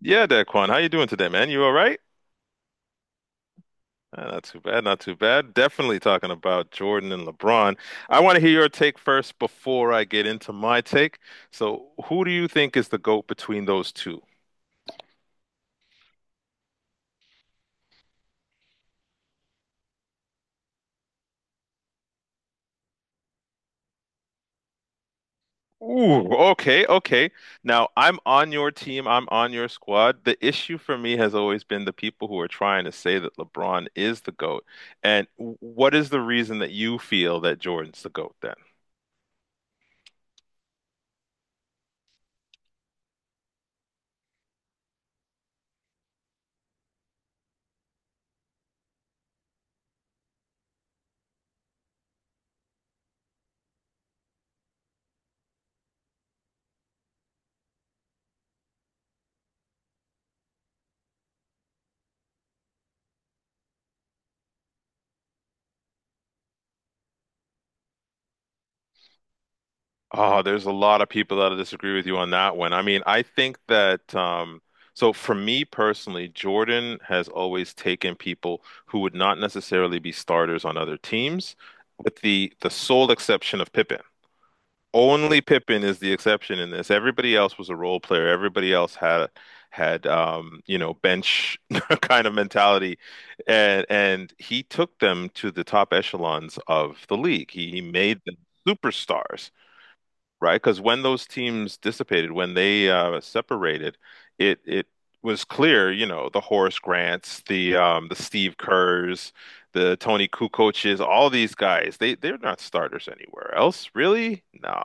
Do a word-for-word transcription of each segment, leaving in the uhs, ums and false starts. Yeah, Daquan, how you doing today, man? You all right? Uh, not too bad, not too bad. Definitely talking about Jordan and LeBron. I want to hear your take first before I get into my take. So, who do you think is the GOAT between those two? Ooh, okay, okay. Now, I'm on your team. I'm on your squad. The issue for me has always been the people who are trying to say that LeBron is the GOAT. And what is the reason that you feel that Jordan's the GOAT? Oh, there's a lot of people that disagree with you on that one. I mean, I think that um so for me personally, Jordan has always taken people who would not necessarily be starters on other teams, with the the sole exception of Pippen. Only Pippen is the exception in this. Everybody else was a role player. Everybody else had had um, you know, bench kind of mentality. And and he took them to the top echelons of the league. He he made them superstars, right? Because when those teams dissipated, when they uh, separated, it it was clear, you know, the Horace Grants, the um, the Steve Kerrs, the Tony Kukoces, all these guys, they they're not starters anywhere else, really? No,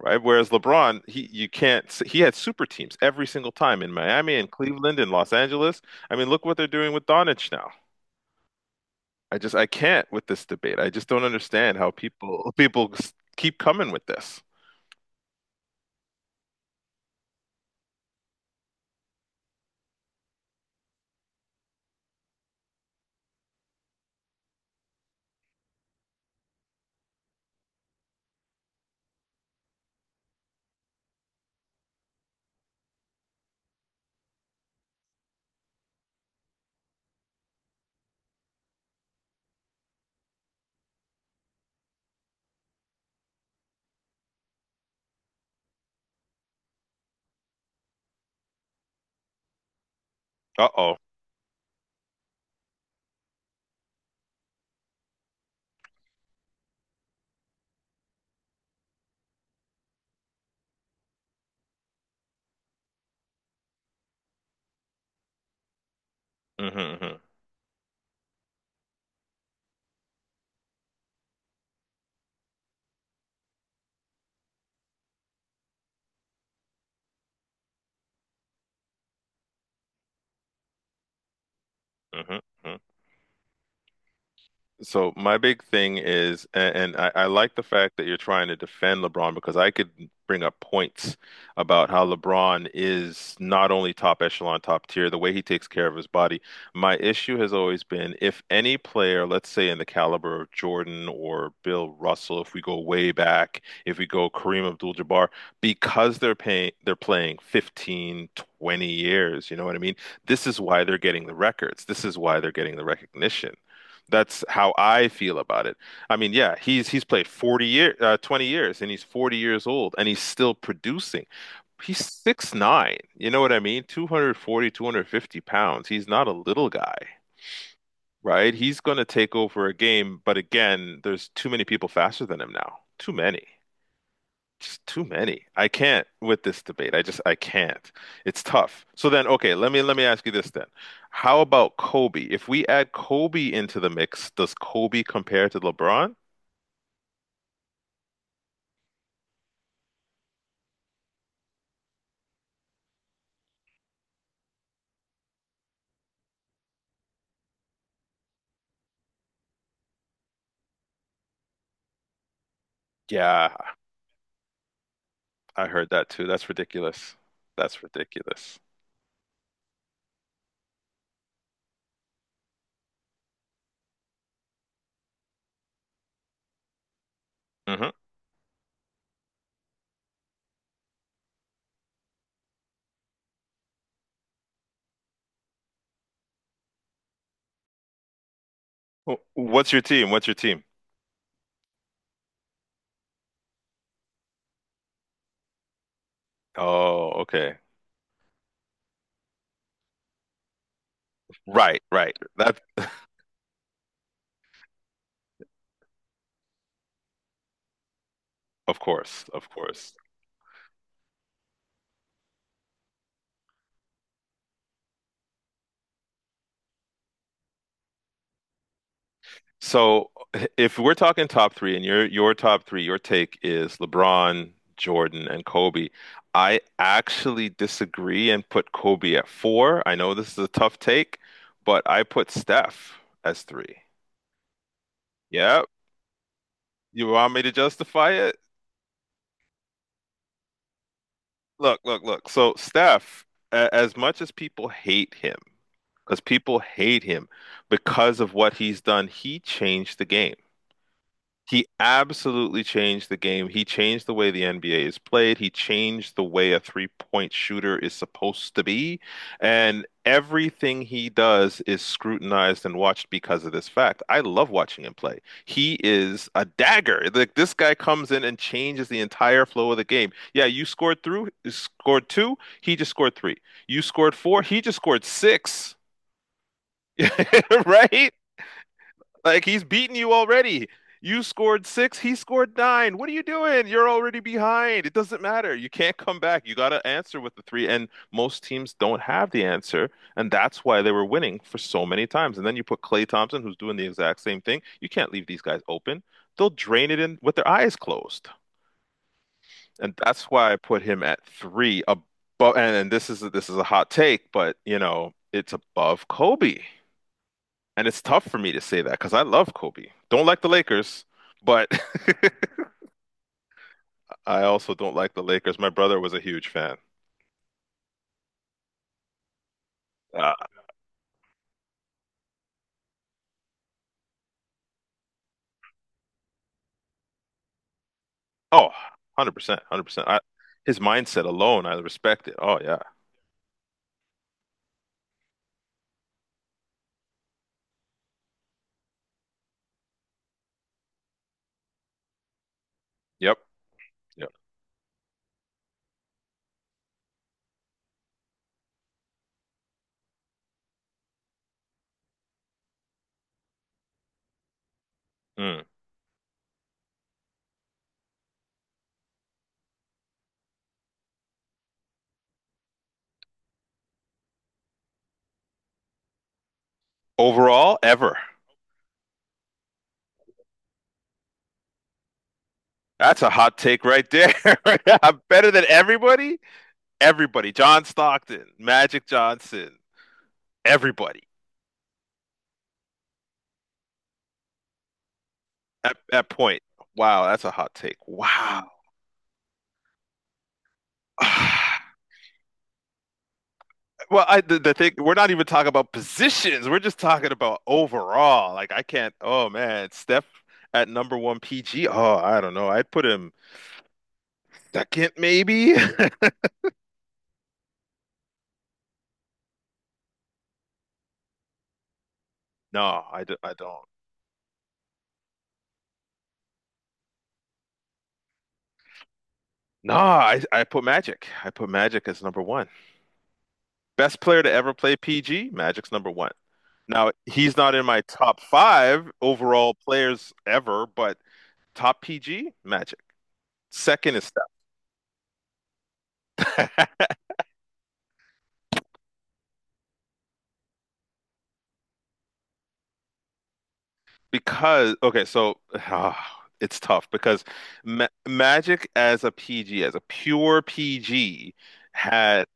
right? Whereas LeBron, he you can't he had super teams every single time in Miami and Cleveland and Los Angeles. I mean, look what they're doing with Doncic now. I just I can't with this debate. I just don't understand how people people keep coming with this. Uh-oh. Hmm. Hmm. Hmm. So my big thing is, and, and I, I like the fact that you're trying to defend LeBron because I could bring up points about how LeBron is not only top echelon, top tier, the way he takes care of his body. My issue has always been if any player, let's say in the caliber of Jordan or Bill Russell, if we go way back, if we go Kareem Abdul-Jabbar, because they're paying, they're playing fifteen, twenty years, you know what I mean? This is why they're getting the records. This is why they're getting the recognition. That's how I feel about it. I mean, yeah, he's he's played forty years, uh, twenty years and he's forty years old and he's still producing. He's six nine, you know what I mean? Two hundred forty, two hundred fifty pounds. He's not a little guy, right? He's going to take over a game, but again, there's too many people faster than him now. Too many, just too many. I can't with this debate. I just I can't. It's tough. So then, okay, let me let me ask you this then. How about Kobe? If we add Kobe into the mix, does Kobe compare to LeBron? Yeah, I heard that too. That's ridiculous. That's ridiculous. Hmm. What's your team? What's your team? Oh, okay. Right, right. That Of course, of course. So if we're talking top three and your your top three, your take is LeBron, Jordan, and Kobe. I actually disagree and put Kobe at four. I know this is a tough take, but I put Steph as three. Yeah, you want me to justify it? Look, look, look. So Steph, a- as much as people hate him, because people hate him because of what he's done, he changed the game. He absolutely changed the game. He changed the way the N B A is played. He changed the way a three-point shooter is supposed to be. And everything he does is scrutinized and watched because of this fact. I love watching him play. He is a dagger. Like this guy comes in and changes the entire flow of the game. Yeah, you scored through, scored two, he just scored three. You scored four, he just scored six. Right? Like he's beaten you already. You scored six, he scored nine. What are you doing? You're already behind. It doesn't matter. You can't come back. You got to answer with the three, and most teams don't have the answer, and that's why they were winning for so many times. And then you put Clay Thompson, who's doing the exact same thing. You can't leave these guys open. They'll drain it in with their eyes closed, and that's why I put him at three above. And, and this is this is a hot take, but you know it's above Kobe. And it's tough for me to say that because I love Kobe. Don't like the Lakers, but I also don't like the Lakers. My brother was a huge fan. Uh, oh, one hundred percent, one hundred percent. I, his mindset alone, I respect it. Oh, yeah. Yep. Yep. Mm. Overall, ever. That's a hot take right there. I'm better than everybody. Everybody. John Stockton, Magic Johnson, everybody at that point. Wow, that's a hot take. Wow. Well, I the, the thing, we're not even talking about positions. We're just talking about overall. Like I can't. Oh man, Steph at number one P G. Oh, I don't know. I'd put him second maybe. No, I, d I don't. No, I I put Magic. I put Magic as number one. Best player to ever play P G. Magic's number one. Now he's not in my top five overall players ever, but top P G Magic. Second is Steph. Because okay, so ah, it's tough because Ma Magic as a P G, as a pure P G, had,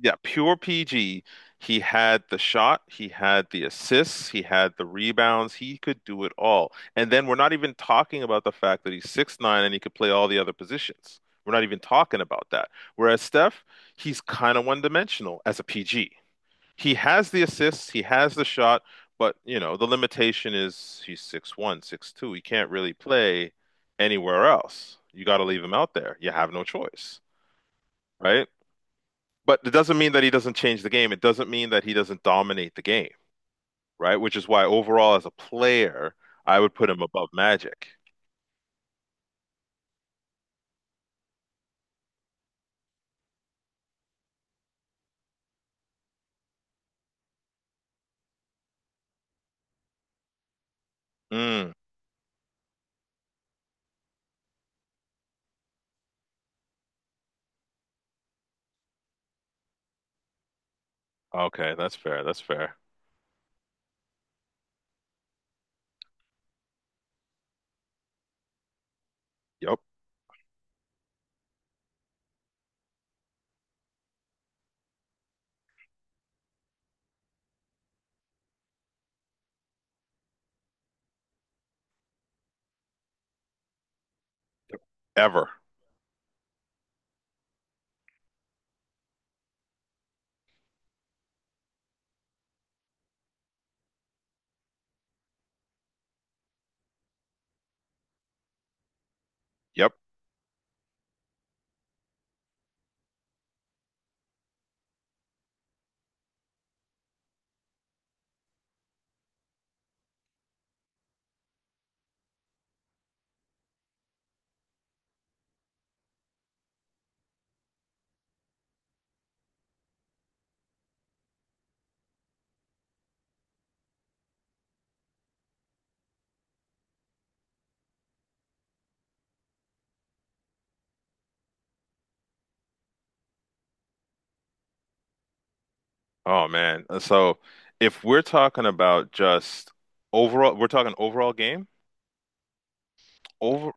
yeah, pure P G. He had the shot, he had the assists, he had the rebounds. He could do it all. And then we're not even talking about the fact that he's six nine and he could play all the other positions. We're not even talking about that. Whereas Steph, he's kind of one-dimensional as a P G. He has the assists, he has the shot, but you know, the limitation is he's six one, six two. He can't really play anywhere else. You got to leave him out there. You have no choice, right? But it doesn't mean that he doesn't change the game. It doesn't mean that he doesn't dominate the game, right? Which is why overall as a player, I would put him above Magic. Mm, okay, that's fair. That's fair. Yep. Ever. Yep. Oh man. So if we're talking about just overall, we're talking overall game. Over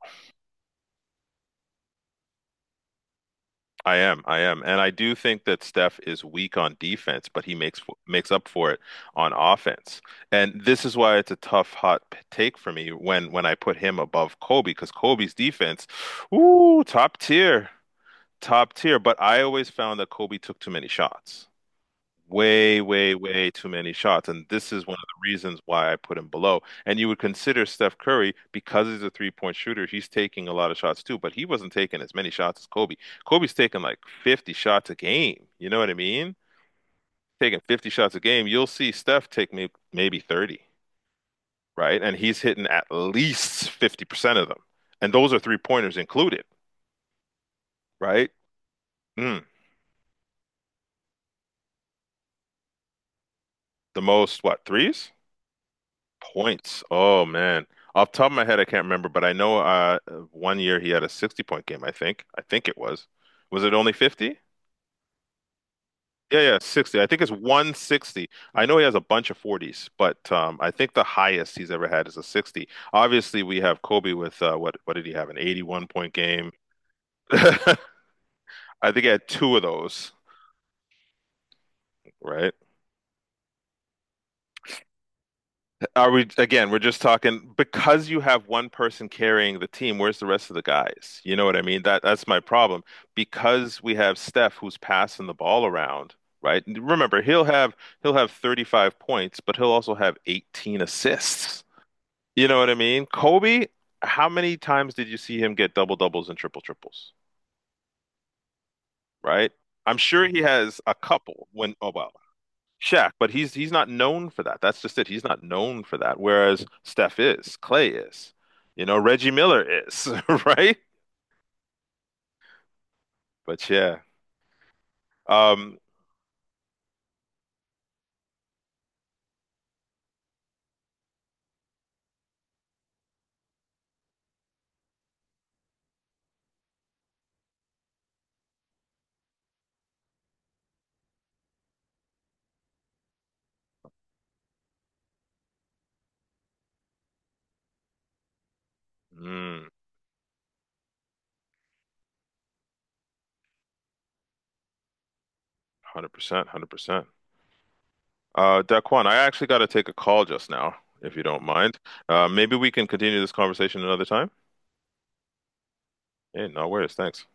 I am, I am, and I do think that Steph is weak on defense, but he makes makes up for it on offense. And this is why it's a tough hot p- take for me when when I put him above Kobe because Kobe's defense, ooh, top tier, top tier. But I always found that Kobe took too many shots way, way, way too many shots. And this is one of the reasons why I put him below. And you would consider Steph Curry, because he's a three-point shooter, he's taking a lot of shots too, but he wasn't taking as many shots as Kobe. Kobe's taking like fifty shots a game. You know what I mean? Taking fifty shots a game, you'll see Steph take may maybe thirty, right? And he's hitting at least fifty percent of them. And those are three-pointers included, right? Mm, the most, what, threes? Points. Oh man. Off the top of my head, I can't remember, but I know uh one year he had a sixty point game, I think. I think it was. Was it only fifty? Yeah, yeah, sixty. I think it's one sixty. I know he has a bunch of forties, but um I think the highest he's ever had is a sixty. Obviously, we have Kobe with uh what what did he have? An eighty-one point game. I think he had two of those, right? Are we again? We're just talking because you have one person carrying the team. Where's the rest of the guys? You know what I mean? That that's my problem. Because we have Steph who's passing the ball around, right? And remember, he'll have he'll have thirty-five points, but he'll also have eighteen assists. You know what I mean? Kobe, how many times did you see him get double doubles and triple triples? Right? I'm sure he has a couple when, oh well, Shaq, but he's he's not known for that. That's just it. He's not known for that. Whereas Steph is, Clay is, you know, Reggie Miller is, right? But yeah, um, mm, one hundred percent, one hundred percent. Uh, Daquan, I actually got to take a call just now, if you don't mind. Uh, maybe we can continue this conversation another time. Hey, no worries. Thanks.